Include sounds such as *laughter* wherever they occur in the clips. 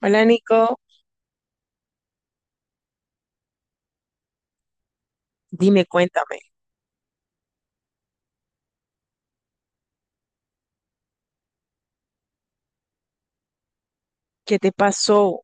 Hola Nico, dime, cuéntame, ¿qué te pasó?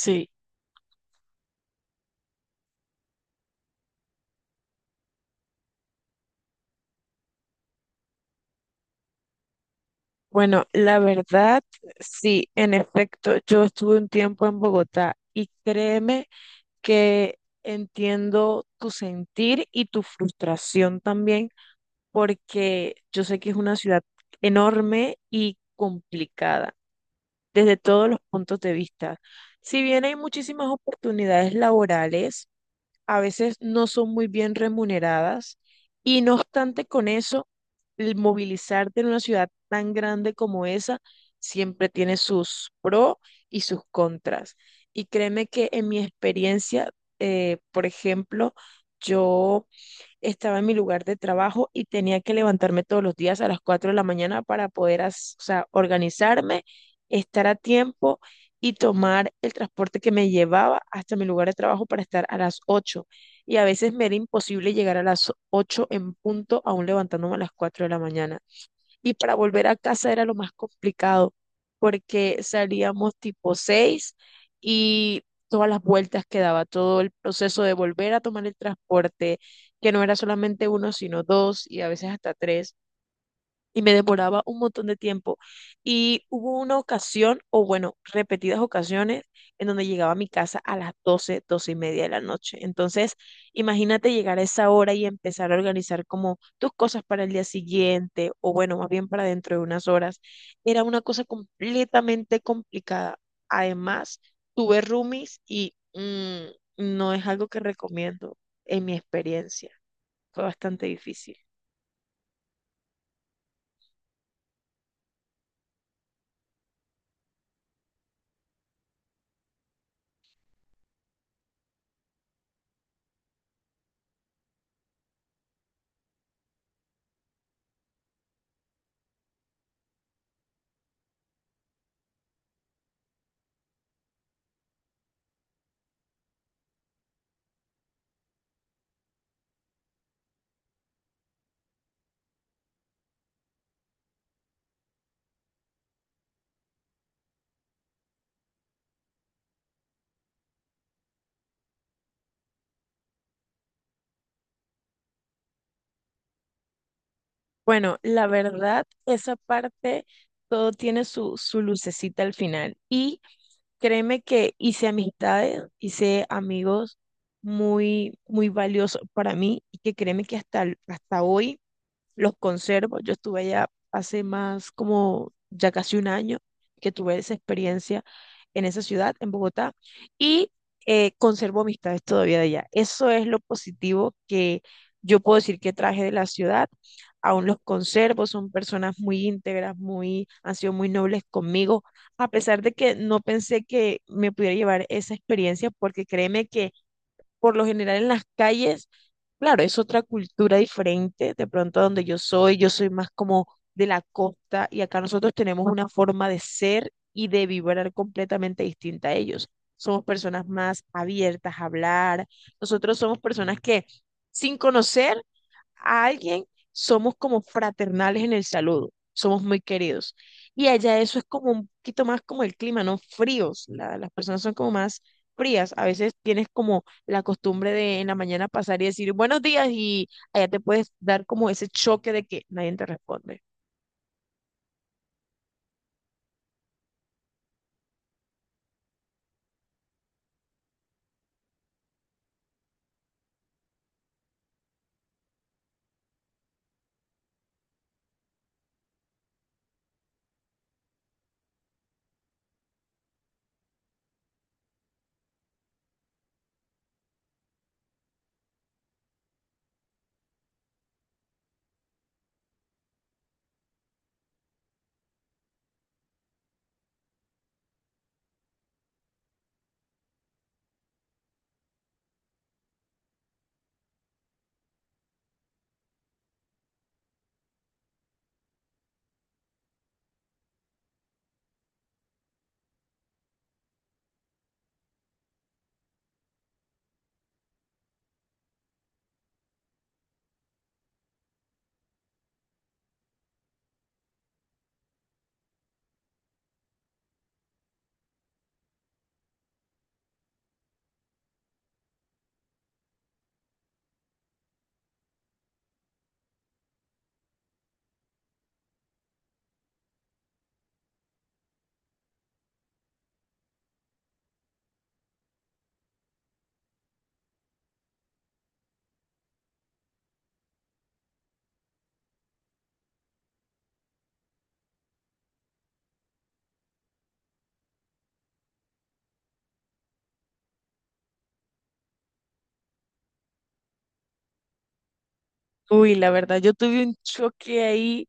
Sí, bueno, la verdad, sí, en efecto, yo estuve un tiempo en Bogotá y créeme que entiendo tu sentir y tu frustración también, porque yo sé que es una ciudad enorme y complicada desde todos los puntos de vista. Si bien hay muchísimas oportunidades laborales, a veces no son muy bien remuneradas y no obstante con eso, el movilizarte en una ciudad tan grande como esa siempre tiene sus pros y sus contras. Y créeme que en mi experiencia, por ejemplo, yo estaba en mi lugar de trabajo y tenía que levantarme todos los días a las 4 de la mañana para poder, o sea, organizarme, estar a tiempo y tomar el transporte que me llevaba hasta mi lugar de trabajo para estar a las 8. Y a veces me era imposible llegar a las 8 en punto, aún levantándome a las 4 de la mañana, y para volver a casa era lo más complicado porque salíamos tipo 6 y todas las vueltas que daba, todo el proceso de volver a tomar el transporte, que no era solamente uno, sino dos y a veces hasta tres, y me demoraba un montón de tiempo. Y hubo una ocasión, o bueno, repetidas ocasiones, en donde llegaba a mi casa a las 12, 12 y media de la noche. Entonces, imagínate llegar a esa hora y empezar a organizar como tus cosas para el día siguiente, o bueno, más bien para dentro de unas horas. Era una cosa completamente complicada. Además, tuve roomies y no es algo que recomiendo en mi experiencia. Fue bastante difícil. Bueno, la verdad, esa parte, todo tiene su lucecita al final. Y créeme que hice amistades, hice amigos muy, muy valiosos para mí y que créeme que hasta hoy los conservo. Yo estuve allá hace más como ya casi un año que tuve esa experiencia en esa ciudad, en Bogotá, y conservo amistades todavía de allá. Eso es lo positivo que yo puedo decir que traje de la ciudad. Aún los conservo, son personas muy íntegras, muy, han sido muy nobles conmigo, a pesar de que no pensé que me pudiera llevar esa experiencia, porque créeme que por lo general en las calles. Claro, es otra cultura diferente, de pronto donde yo soy más como de la costa y acá nosotros tenemos una forma de ser y de vibrar completamente distinta a ellos. Somos personas más abiertas a hablar, nosotros somos personas que sin conocer a alguien, somos como fraternales en el saludo, somos muy queridos. Y allá eso es como un poquito más como el clima, ¿no? Fríos, las personas son como más frías. A veces tienes como la costumbre de en la mañana pasar y decir buenos días y allá te puedes dar como ese choque de que nadie te responde. Uy, la verdad, yo tuve un choque ahí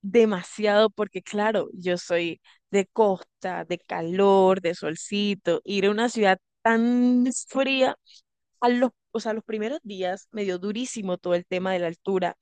demasiado porque claro, yo soy de costa, de calor, de solcito, ir a una ciudad tan fría o sea, los primeros días me dio durísimo todo el tema de la altura.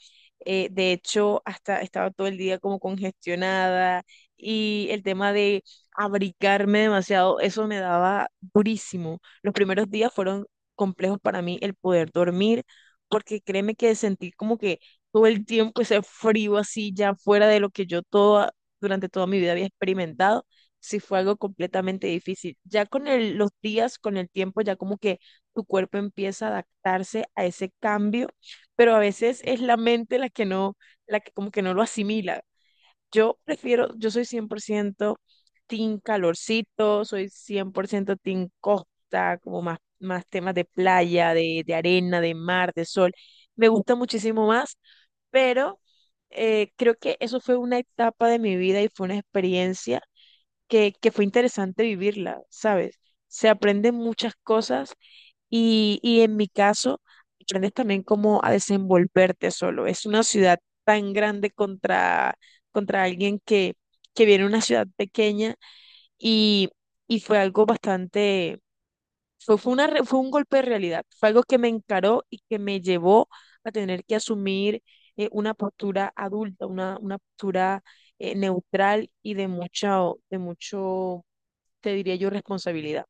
De hecho, hasta estaba todo el día como congestionada y el tema de abrigarme demasiado, eso me daba durísimo. Los primeros días fueron complejos para mí el poder dormir, porque créeme que sentir como que todo el tiempo ese frío así ya fuera de lo que durante toda mi vida había experimentado, sí fue algo completamente difícil. Ya con los días, con el tiempo, ya como que tu cuerpo empieza a adaptarse a ese cambio, pero a veces es la mente la que como que no lo asimila. Yo prefiero, yo soy 100% team calorcito, soy 100% team costa, como más, más temas de playa, de arena, de mar, de sol. Me gusta muchísimo más, pero creo que eso fue una etapa de mi vida y fue una experiencia que fue interesante vivirla, ¿sabes? Se aprenden muchas cosas y en mi caso, aprendes también cómo a desenvolverte solo. Es una ciudad tan contra alguien que viene de una ciudad pequeña y, y fue algo bastante, fue un golpe de realidad, fue algo que me encaró y que me llevó a tener que asumir una postura adulta, una postura neutral y de de mucho, te diría yo, responsabilidad.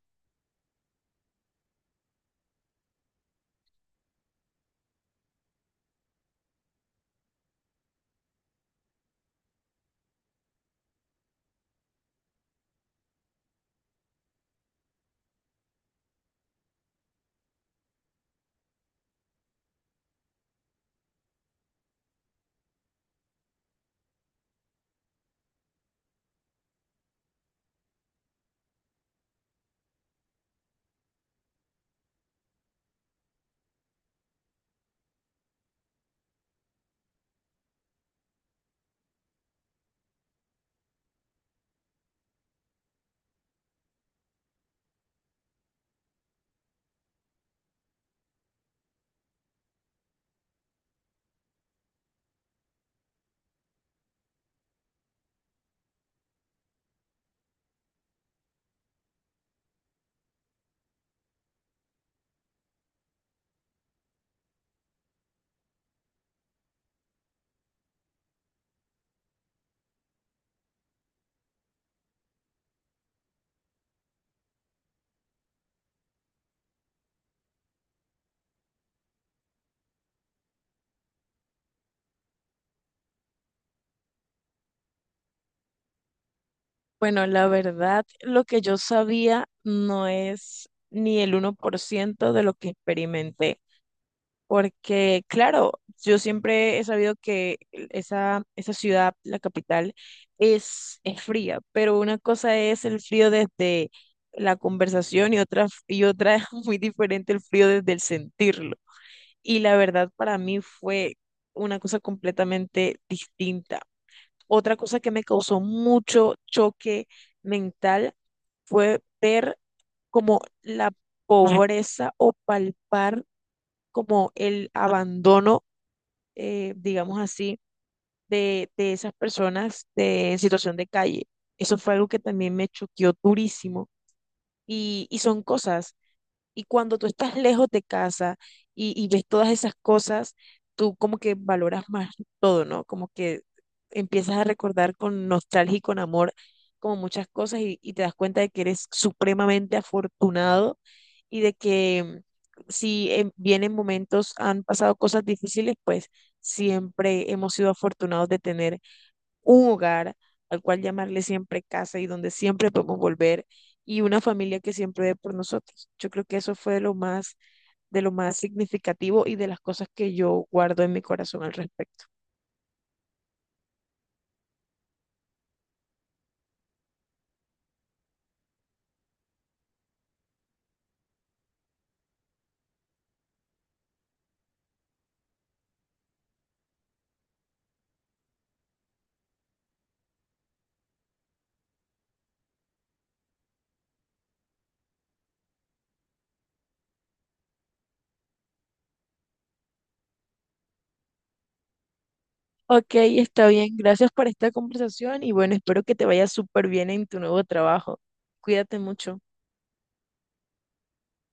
Bueno, la verdad, lo que yo sabía no es ni el 1% de lo que experimenté, porque claro, yo siempre he sabido que esa ciudad, la capital, es fría, pero una cosa es el frío desde la conversación y otra, *laughs* y otra es *laughs* muy diferente el frío desde el sentirlo. Y la verdad para mí fue una cosa completamente distinta. Otra cosa que me causó mucho choque mental fue ver como la pobreza o palpar como el abandono, digamos así, de esas personas en situación de calle. Eso fue algo que también me choqueó durísimo. Y son cosas y cuando tú estás lejos de casa y ves todas esas cosas, tú como que valoras más todo, ¿no? Como que empiezas a recordar con nostalgia y con amor como muchas cosas y te das cuenta de que eres supremamente afortunado y de que si bien en momentos han pasado cosas difíciles, pues siempre hemos sido afortunados de tener un hogar al cual llamarle siempre casa y donde siempre podemos volver y una familia que siempre ve por nosotros. Yo creo que eso fue de lo más significativo y de las cosas que yo guardo en mi corazón al respecto. Ok, está bien. Gracias por esta conversación y bueno, espero que te vaya súper bien en tu nuevo trabajo. Cuídate mucho.